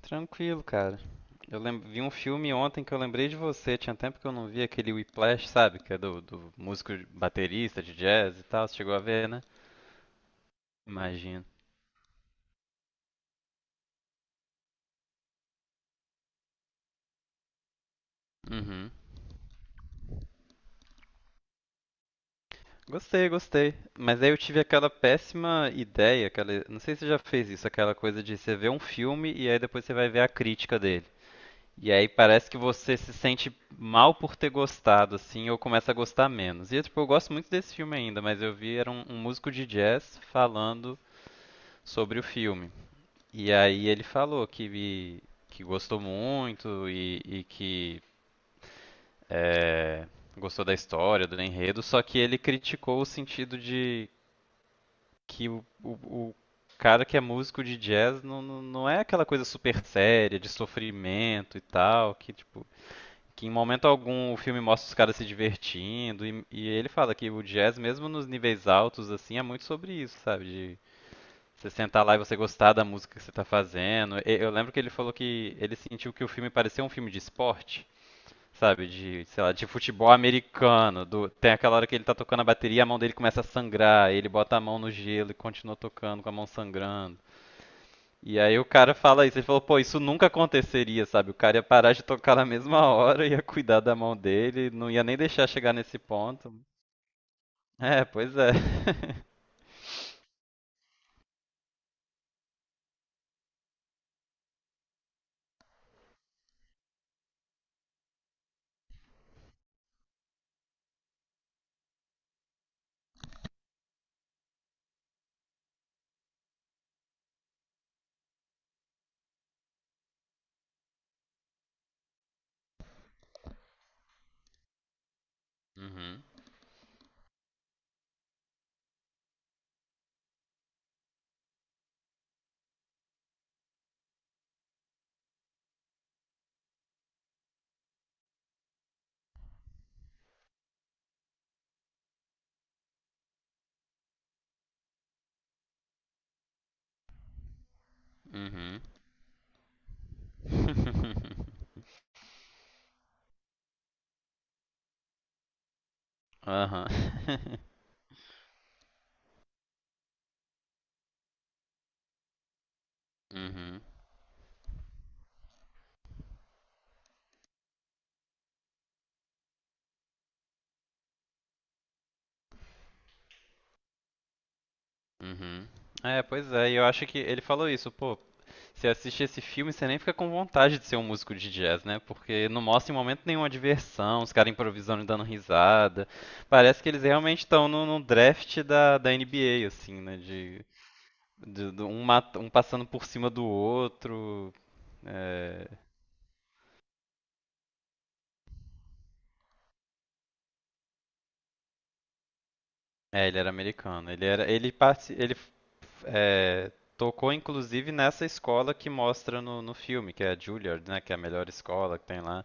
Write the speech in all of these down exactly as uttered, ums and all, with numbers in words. Tranquilo, cara. Eu lem- vi um filme ontem que eu lembrei de você. Tinha tempo que eu não vi aquele Whiplash, sabe? Que é do, do músico de- baterista de jazz e tal. Você chegou a ver, né? Imagino. Uhum. Gostei, gostei. Mas aí eu tive aquela péssima ideia, aquela... não sei se você já fez isso, aquela coisa de você ver um filme e aí depois você vai ver a crítica dele. E aí parece que você se sente mal por ter gostado, assim, ou começa a gostar menos. E tipo, eu gosto muito desse filme ainda, mas eu vi era um, um músico de jazz falando sobre o filme. E aí ele falou que, me- que gostou muito e, e que gostou da história, do enredo, só que ele criticou o sentido de que o, o- o cara que é músico de jazz não, não não é aquela coisa super séria, de sofrimento e tal, que tipo. Que em momento algum o filme mostra os caras se divertindo, e, e ele fala que o jazz, mesmo nos níveis altos, assim, é muito sobre isso, sabe? De você sentar lá e você gostar da música que você tá fazendo. E- Eu lembro que ele falou que ele sentiu que o filme parecia um filme de esporte, sabe? De, sei lá, de futebol americano. do- Tem aquela hora que ele tá tocando a bateria, a mão dele começa a sangrar, ele bota a mão no gelo e continua tocando com a mão sangrando. E aí o cara fala isso, ele falou, pô, isso nunca aconteceria, sabe? O cara ia parar de tocar na mesma hora, ia cuidar da mão dele, não ia nem deixar chegar nesse ponto. É, pois é. Uhum. Aham. Uhum. Uhum. É, pois é, e eu acho que ele falou isso, pô, você assiste esse filme, você nem fica com vontade de ser um músico de jazz, né? Porque não mostra em momento nenhuma diversão, os caras improvisando e dando risada. Parece que eles realmente estão no, no draft da, da N B A, assim, né? De, de- de um, mat- um passando por cima do outro. É, É, ele era americano. Ele era, ele parte, ele é, tocou inclusive nessa escola que mostra no, no filme, que é a Juilliard, né, que é a melhor escola que tem lá.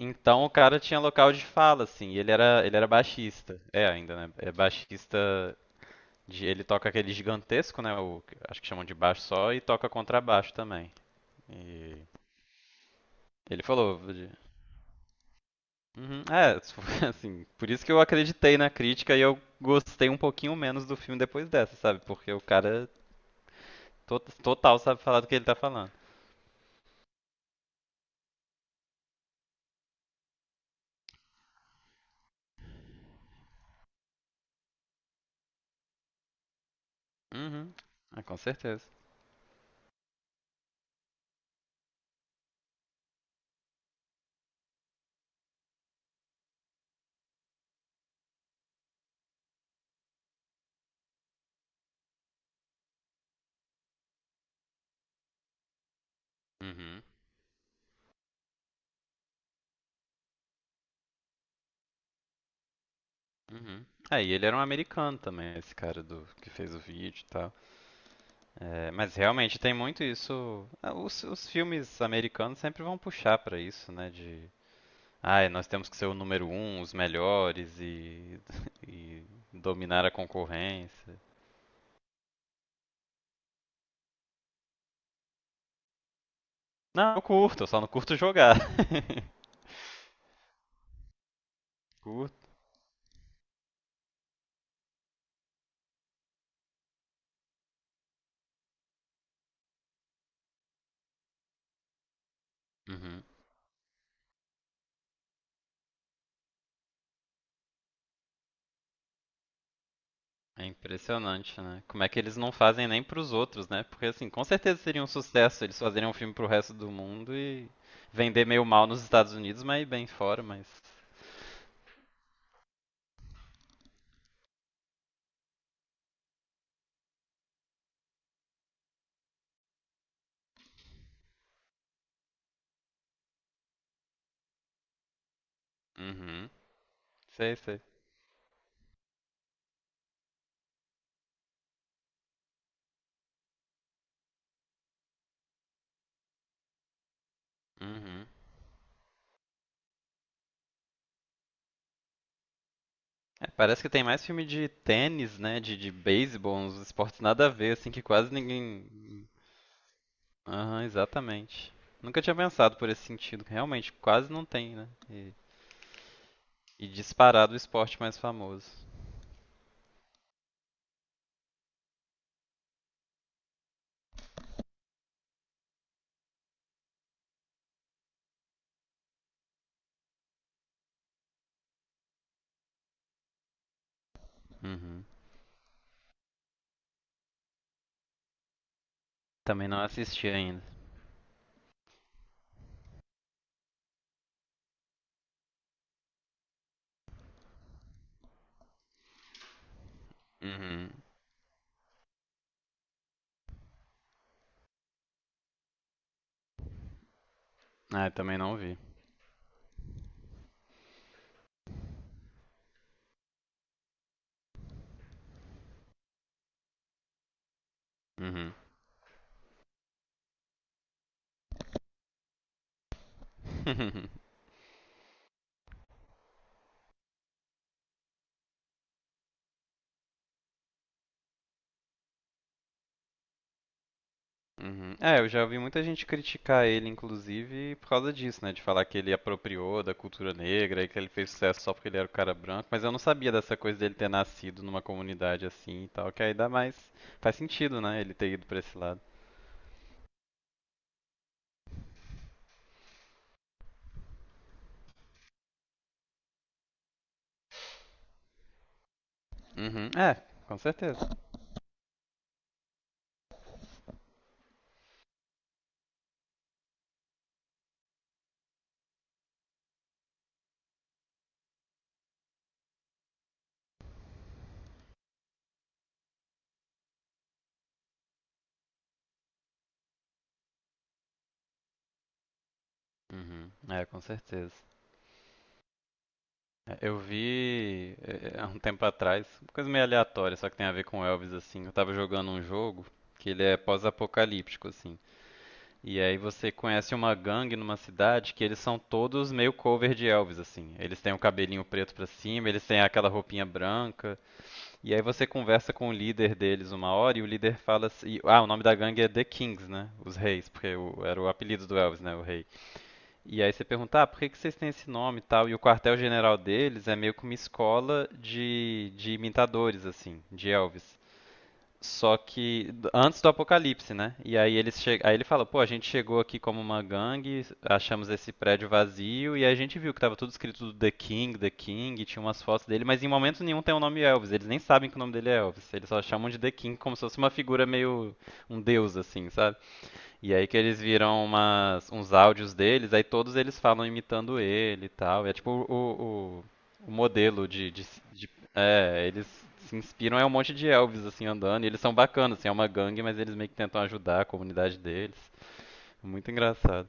Então o cara tinha local de fala, assim. E ele era, ele era baixista. É ainda, né? É baixista. De- ele toca aquele gigantesco, né? O, acho que chamam de baixo só e toca contrabaixo também. E ele falou, de- Uhum, é, assim, por isso que eu acreditei na crítica e eu gostei um pouquinho menos do filme depois dessa, sabe? Porque o cara Tot- total sabe falar do que ele tá falando. Uhum. Ah, com certeza. Uhum. Uhum. É, e ele era um americano também, esse cara do que fez o vídeo e tal. É, mas realmente tem muito isso. Ah, Os, os filmes americanos sempre vão puxar pra isso, né? De. Ai nós temos que ser o número um, os melhores e, e dominar a concorrência. Não, eu curto, eu só não curto jogar. Curto. Uhum. É impressionante, né? Como é que eles não fazem nem pros outros, né? Porque assim, com certeza seria um sucesso eles fazerem um filme pro resto do mundo e vender meio mal nos Estados Unidos, mas bem fora, mas. Uhum. Sei, sei. Uhum. É, parece que tem mais filme de tênis, né? De, de beisebol, uns esportes nada a ver, assim, que quase ninguém. Aham, exatamente. Nunca tinha pensado por esse sentido. Que realmente, quase não tem, né? E, e disparado o esporte mais famoso. Uhum. Também não assisti ainda. Uhum. Ah, eu também não vi. Uhum. Uhum. É, eu já ouvi muita gente criticar ele, inclusive, por causa disso, né? De falar que ele apropriou da cultura negra e que ele fez sucesso só porque ele era o cara branco. Mas eu não sabia dessa coisa dele ter nascido numa comunidade assim e tal, que aí dá mais. Faz sentido, né? Ele ter ido pra esse lado. Uhum. É, com certeza. Uhum. É, com certeza. É, eu vi é, há um tempo atrás, uma coisa meio aleatória, só que tem a ver com Elvis, assim. Eu tava jogando um jogo que ele é pós-apocalíptico, assim. E aí você conhece uma gangue numa cidade que eles são todos meio cover de Elvis, assim. Eles têm o cabelinho preto pra cima, eles têm aquela roupinha branca. E aí você conversa com o líder deles uma hora e o líder fala assim... Ah, o nome da gangue é The Kings, né? Os Reis, porque o- era o apelido do Elvis, né? O Rei. E aí você pergunta, ah, por que que vocês têm esse nome e tal? E o quartel-general deles é meio que uma escola de, de imitadores, assim, de Elvis. Só que d- antes do apocalipse, né? E aí eles che... aí ele fala, pô, a gente chegou aqui como uma gangue, achamos esse prédio vazio e aí a gente viu que tava tudo escrito The King, The King, e tinha umas fotos dele, mas em momento nenhum tem o nome Elvis. Eles nem sabem que o nome dele é Elvis. Eles só chamam de The King como se fosse uma figura meio um deus assim, sabe? E aí que eles viram umas, uns áudios deles, aí todos eles falam imitando ele e tal. É tipo o, o, o modelo de, de, de- É, eles se inspiram, é um monte de Elvis assim andando. E eles são bacanas, assim, é uma gangue, mas eles meio que tentam ajudar a comunidade deles. É muito engraçado.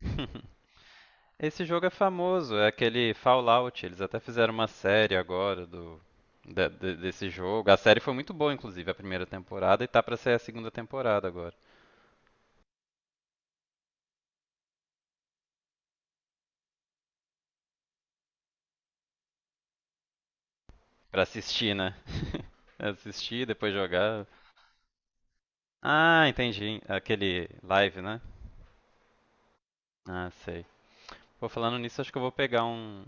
Esse jogo é famoso, é aquele Fallout. Eles até fizeram uma série agora do. De- de- desse jogo. A série foi muito boa, inclusive, a primeira temporada, e tá pra sair a segunda temporada agora. Pra assistir, né? Assistir, depois jogar. Ah, entendi. Aquele live, né? Ah, sei. Pô, falando nisso, acho que eu vou pegar um.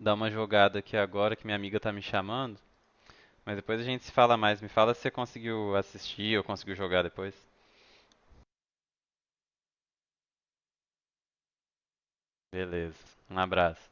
Dar uma jogada aqui agora que minha amiga tá me chamando. Mas depois a gente se fala mais. Me fala se você conseguiu assistir ou conseguiu jogar depois. Beleza. Um abraço.